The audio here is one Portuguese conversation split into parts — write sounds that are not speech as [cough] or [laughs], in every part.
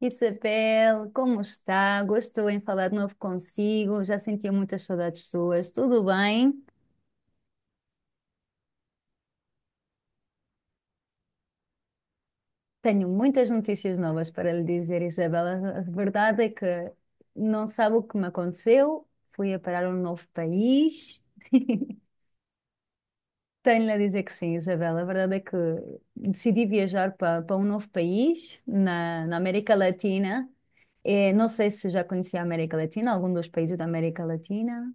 Isabel, como está? Gostou em falar de novo consigo? Já sentia muitas saudades suas. Tudo bem? Tenho muitas notícias novas para lhe dizer, Isabel. A verdade é que não sabe o que me aconteceu. Fui a parar a um novo país. Tenho-lhe a dizer que sim, Isabel. A verdade é que decidi viajar para um novo país na América Latina. Não sei se já conhecia a América Latina, algum dos países da América Latina.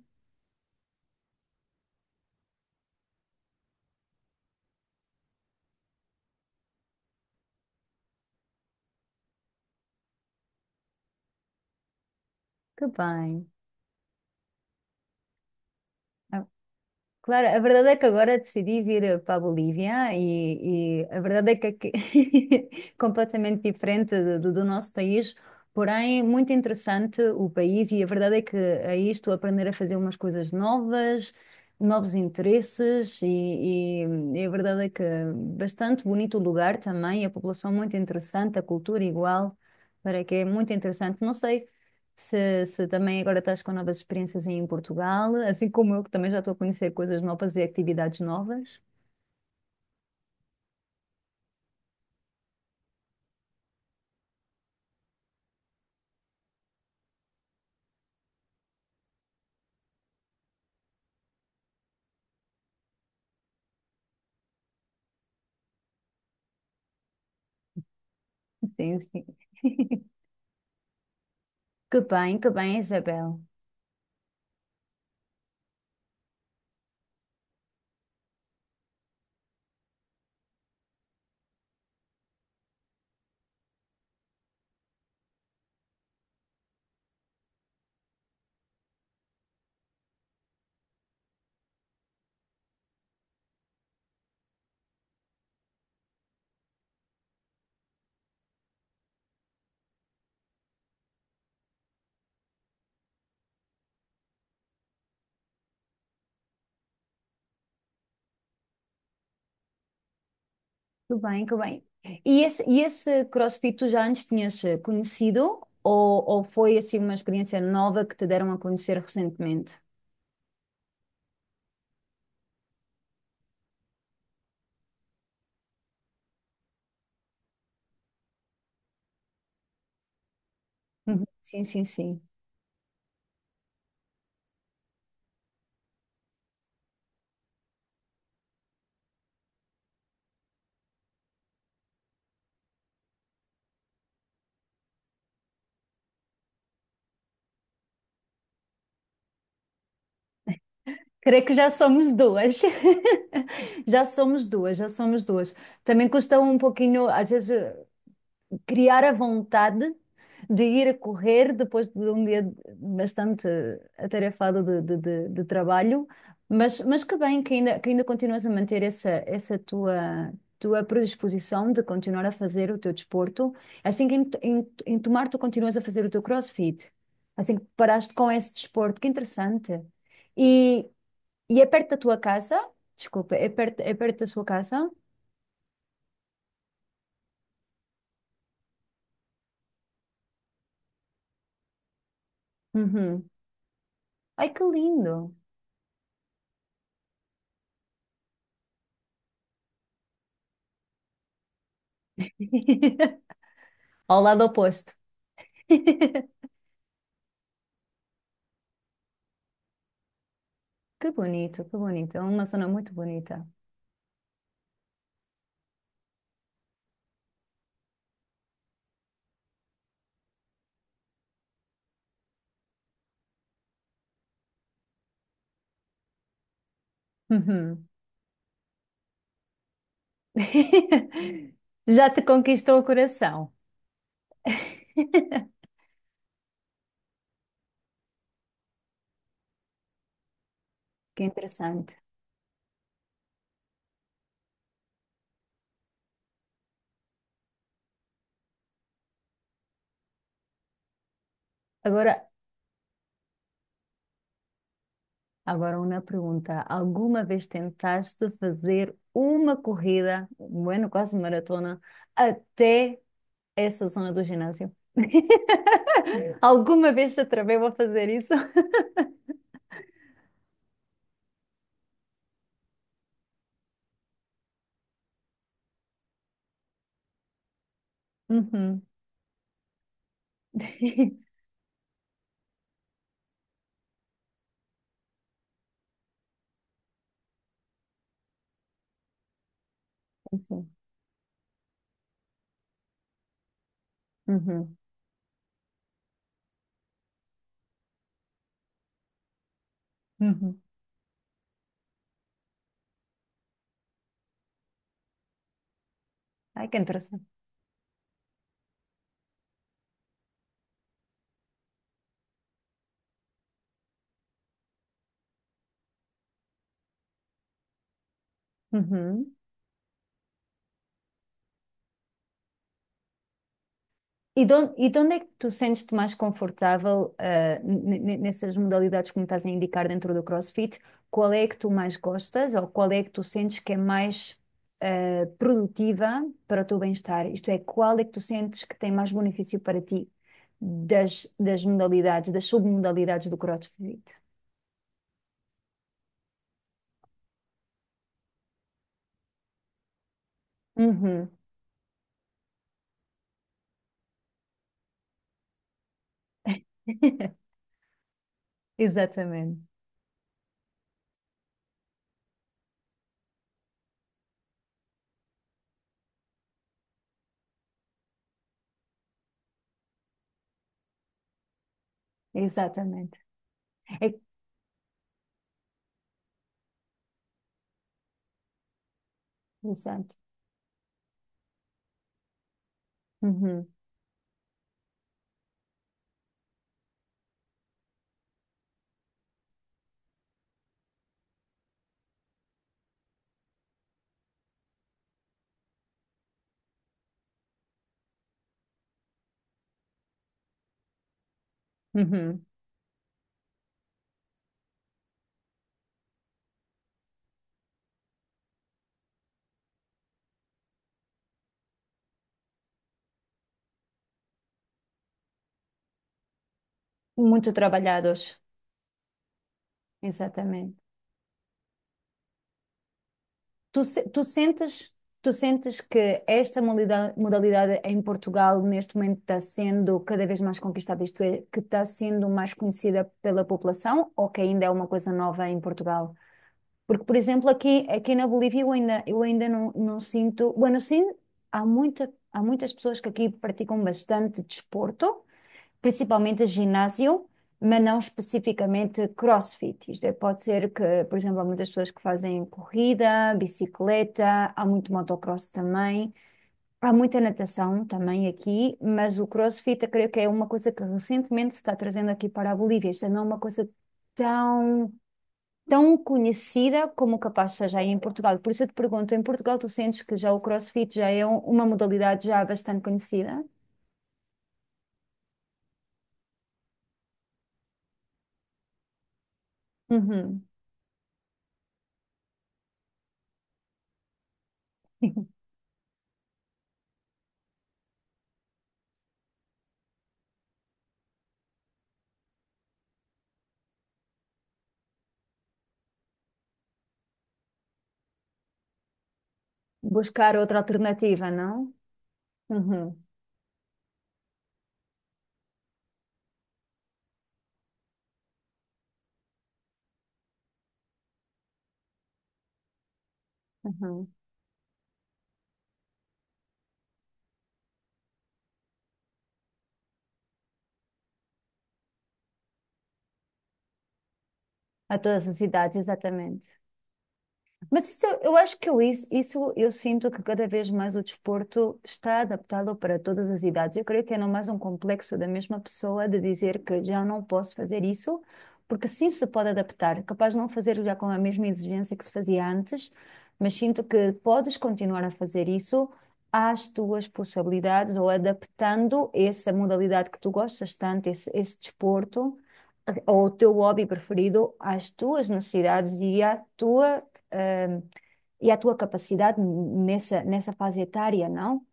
Que bem. Ah, Claro, a verdade é que agora decidi vir para a Bolívia e a verdade é que aqui [laughs] completamente diferente do nosso país, porém muito interessante o país e a verdade é que aí estou a aprender a fazer umas coisas novas, novos interesses e- e a verdade é que bastante bonito o lugar também, a população muito interessante, a cultura igual, para que é muito interessante. Não sei se, se também agora estás com novas experiências em Portugal, assim como eu, que também já estou a conhecer coisas novas e atividades novas. Sim, sim. [laughs] Que bem, Isabel. Que bem, que bem. E esse CrossFit tu já antes tinhas conhecido ou foi assim uma experiência nova que te deram a conhecer recentemente? Uhum. Sim, sim, sim. Creio que já somos duas. [laughs] Já somos duas, já somos duas. Também custa um pouquinho, às vezes, criar a vontade de ir a correr depois de um dia bastante atarefado de, de trabalho, mas que bem que ainda continuas a manter essa, essa tua, tua predisposição de continuar a fazer o teu desporto, assim que em, em, em tomar tu continuas a fazer o teu CrossFit, assim que paraste com esse desporto, que interessante. E, e é perto da tua casa? Desculpa, é perto da sua casa? Uhum. Ai, que lindo! [laughs] Ao lado oposto. [laughs] Que bonito, que bonito. É uma zona muito bonita. Uhum. [laughs] Já te conquistou o coração. Que interessante. Agora, agora uma pergunta. Alguma vez tentaste fazer uma corrida, bueno, quase maratona, até essa zona do ginásio? Alguma vez te atreveu a fazer isso? [laughs] Uhum. [laughs] Sim. Uhum. Uhum. Ai, que interessante. Uhum. E de onde é que tu sentes-te mais confortável, nessas modalidades que me estás a indicar dentro do CrossFit? Qual é que tu mais gostas ou qual é que tu sentes que é mais, produtiva para o teu bem-estar? Isto é, qual é que tu sentes que tem mais benefício para ti das, das modalidades, das submodalidades do CrossFit? Uhum. [laughs] Exatamente, exatamente. É, exato. Uhum, uhum. Muito trabalhados, exatamente. Tu, se- tu sentes que esta molida- modalidade em Portugal neste momento está sendo cada vez mais conquistada, isto é, que está sendo mais conhecida pela população ou que ainda é uma coisa nova em Portugal? Porque, por exemplo, aqui, aqui na Bolívia eu ainda não, não sinto. Bueno, sim, há muita, há muitas pessoas que aqui praticam bastante desporto, principalmente ginásio, mas não especificamente CrossFit. Isto é, pode ser que, por exemplo, há muitas pessoas que fazem corrida, bicicleta, há muito motocross também, há muita natação também aqui, mas o CrossFit eu creio que é uma coisa que recentemente se está trazendo aqui para a Bolívia. Isto não é uma coisa tão, tão conhecida como capaz seja aí em Portugal. Por isso eu te pergunto, em Portugal tu sentes que já o CrossFit já é um- uma modalidade já bastante conhecida? Uhum. [laughs] Buscar outra alternativa, não? Uhum, uhum. A todas as idades, exatamente. Mas isso, eu acho que eu, isso eu sinto que cada vez mais o desporto está adaptado para todas as idades. Eu creio que é não mais um complexo da mesma pessoa de dizer que já não posso fazer isso, porque sim se pode adaptar. Capaz de não fazer já com a mesma exigência que se fazia antes, mas sinto que podes continuar a fazer isso às tuas possibilidades ou adaptando essa modalidade que tu gostas tanto, esse desporto ou o teu hobby preferido às tuas necessidades e à tua hum, e a tua capacidade nessa, nessa fase etária, não?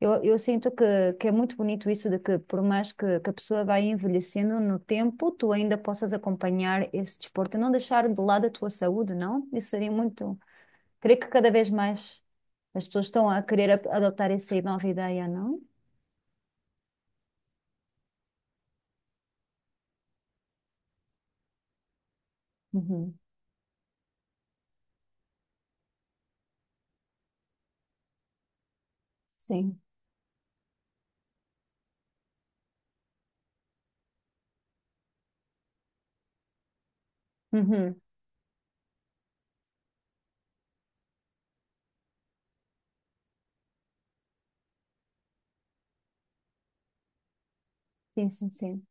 Eu sinto que é muito bonito isso de que, por mais que a pessoa vai envelhecendo no tempo, tu ainda possas acompanhar esse desporto e não deixar de lado a tua saúde, não? Isso seria muito. Creio que cada vez mais as pessoas estão a querer a- adotar essa nova ideia, não? Uhum. Sim. Uhum. Sim, sim, sim.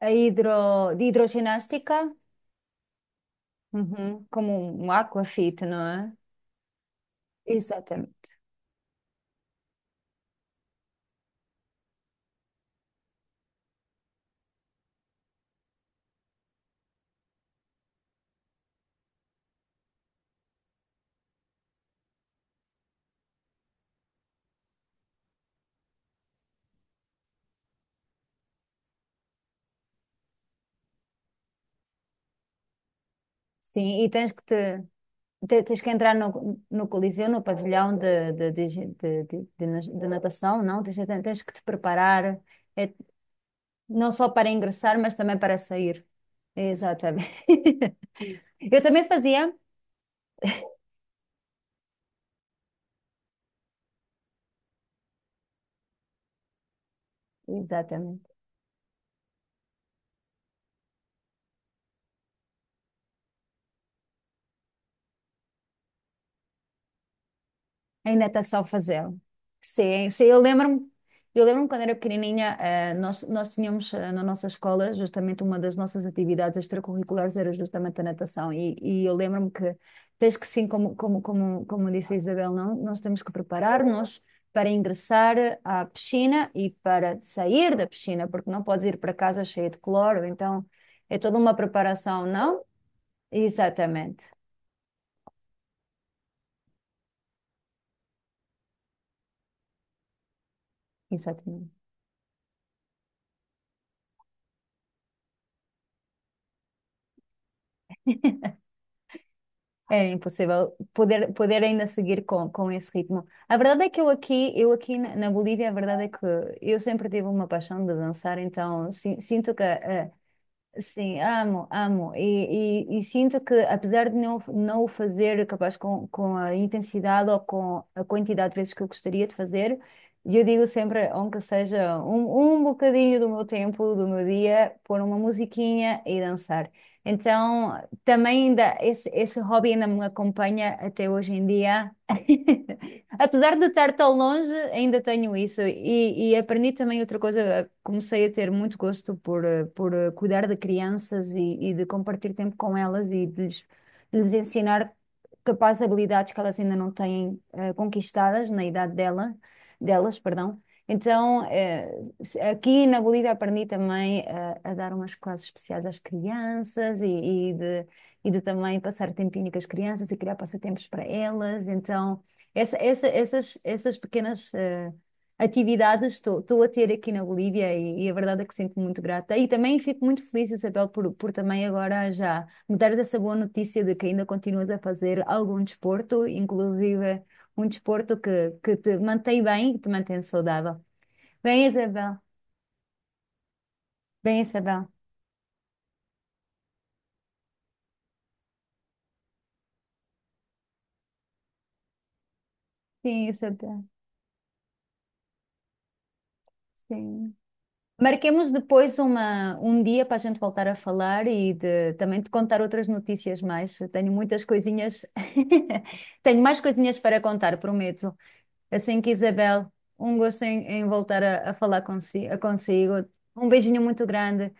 A hidro, de hidroginástica, uhum. Como um aquafit, não é? Exatamente. Sim, e tens que te Te- Tens que entrar no, no Coliseu, no pavilhão de, de nas- de natação, não? Tens, tens que te preparar, é, não só para ingressar, mas também para sair. Exatamente. [laughs] Eu também fazia. Exatamente. Ainda está só a fazê-lo. Sim, sim, eu lembro-me quando era pequenininha, nós, nós tínhamos na nossa escola, justamente uma das nossas atividades extracurriculares era justamente a natação, e eu lembro-me que, desde que sim, como, como, como, como disse a Isabel, não, nós temos que preparar-nos para ingressar à piscina e para sair da piscina, porque não podes ir para casa cheia de cloro, então é toda uma preparação, não? Exatamente, exatamente. Era impossível poder, poder ainda seguir com esse ritmo. A verdade é que eu aqui na, na Bolívia, a verdade é que eu sempre tive uma paixão de dançar, então si- sinto que a, Sim, amo, amo. E sinto que, apesar de não, não o fazer capaz com a intensidade ou com a quantidade de vezes que eu gostaria de fazer, eu digo sempre, aunque seja um, um bocadinho do meu tempo, do meu dia, pôr uma musiquinha e dançar. Então, também ainda, esse hobby ainda me acompanha até hoje em dia. [laughs] Apesar de estar tão longe, ainda tenho isso. E aprendi também outra coisa. Comecei a ter muito gosto por, cuidar de crianças e de compartilhar tempo com elas e de lhes, lhes ensinar capazes habilidades que elas ainda não têm conquistadas na idade dela, delas, perdão. Então, se- aqui na Bolívia aprendi também a dar umas classes especiais às crianças e de também passar tempinho com as crianças e criar passatempos para elas. Então, essa- essa- essas, essas pequenas atividades estou a ter aqui na Bolívia e a verdade é que sinto-me muito grata. E também fico muito feliz, Isabel, por também agora já me dares essa boa notícia de que ainda continuas a fazer algum desporto, inclusive um desporto que te mantém bem e te mantém saudável. Bem, Isabel. Bem, Isabel. Sim, Isabel. Sim. Marquemos depois uma, um dia para a gente voltar a falar e de, também te contar outras notícias mais. Tenho muitas coisinhas, [laughs] tenho mais coisinhas para contar, prometo. Assim que Isabel, um gosto em, em voltar a falar consi a consigo. Um beijinho muito grande,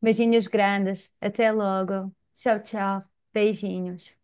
beijinhos grandes. Até logo. Tchau, tchau. Beijinhos.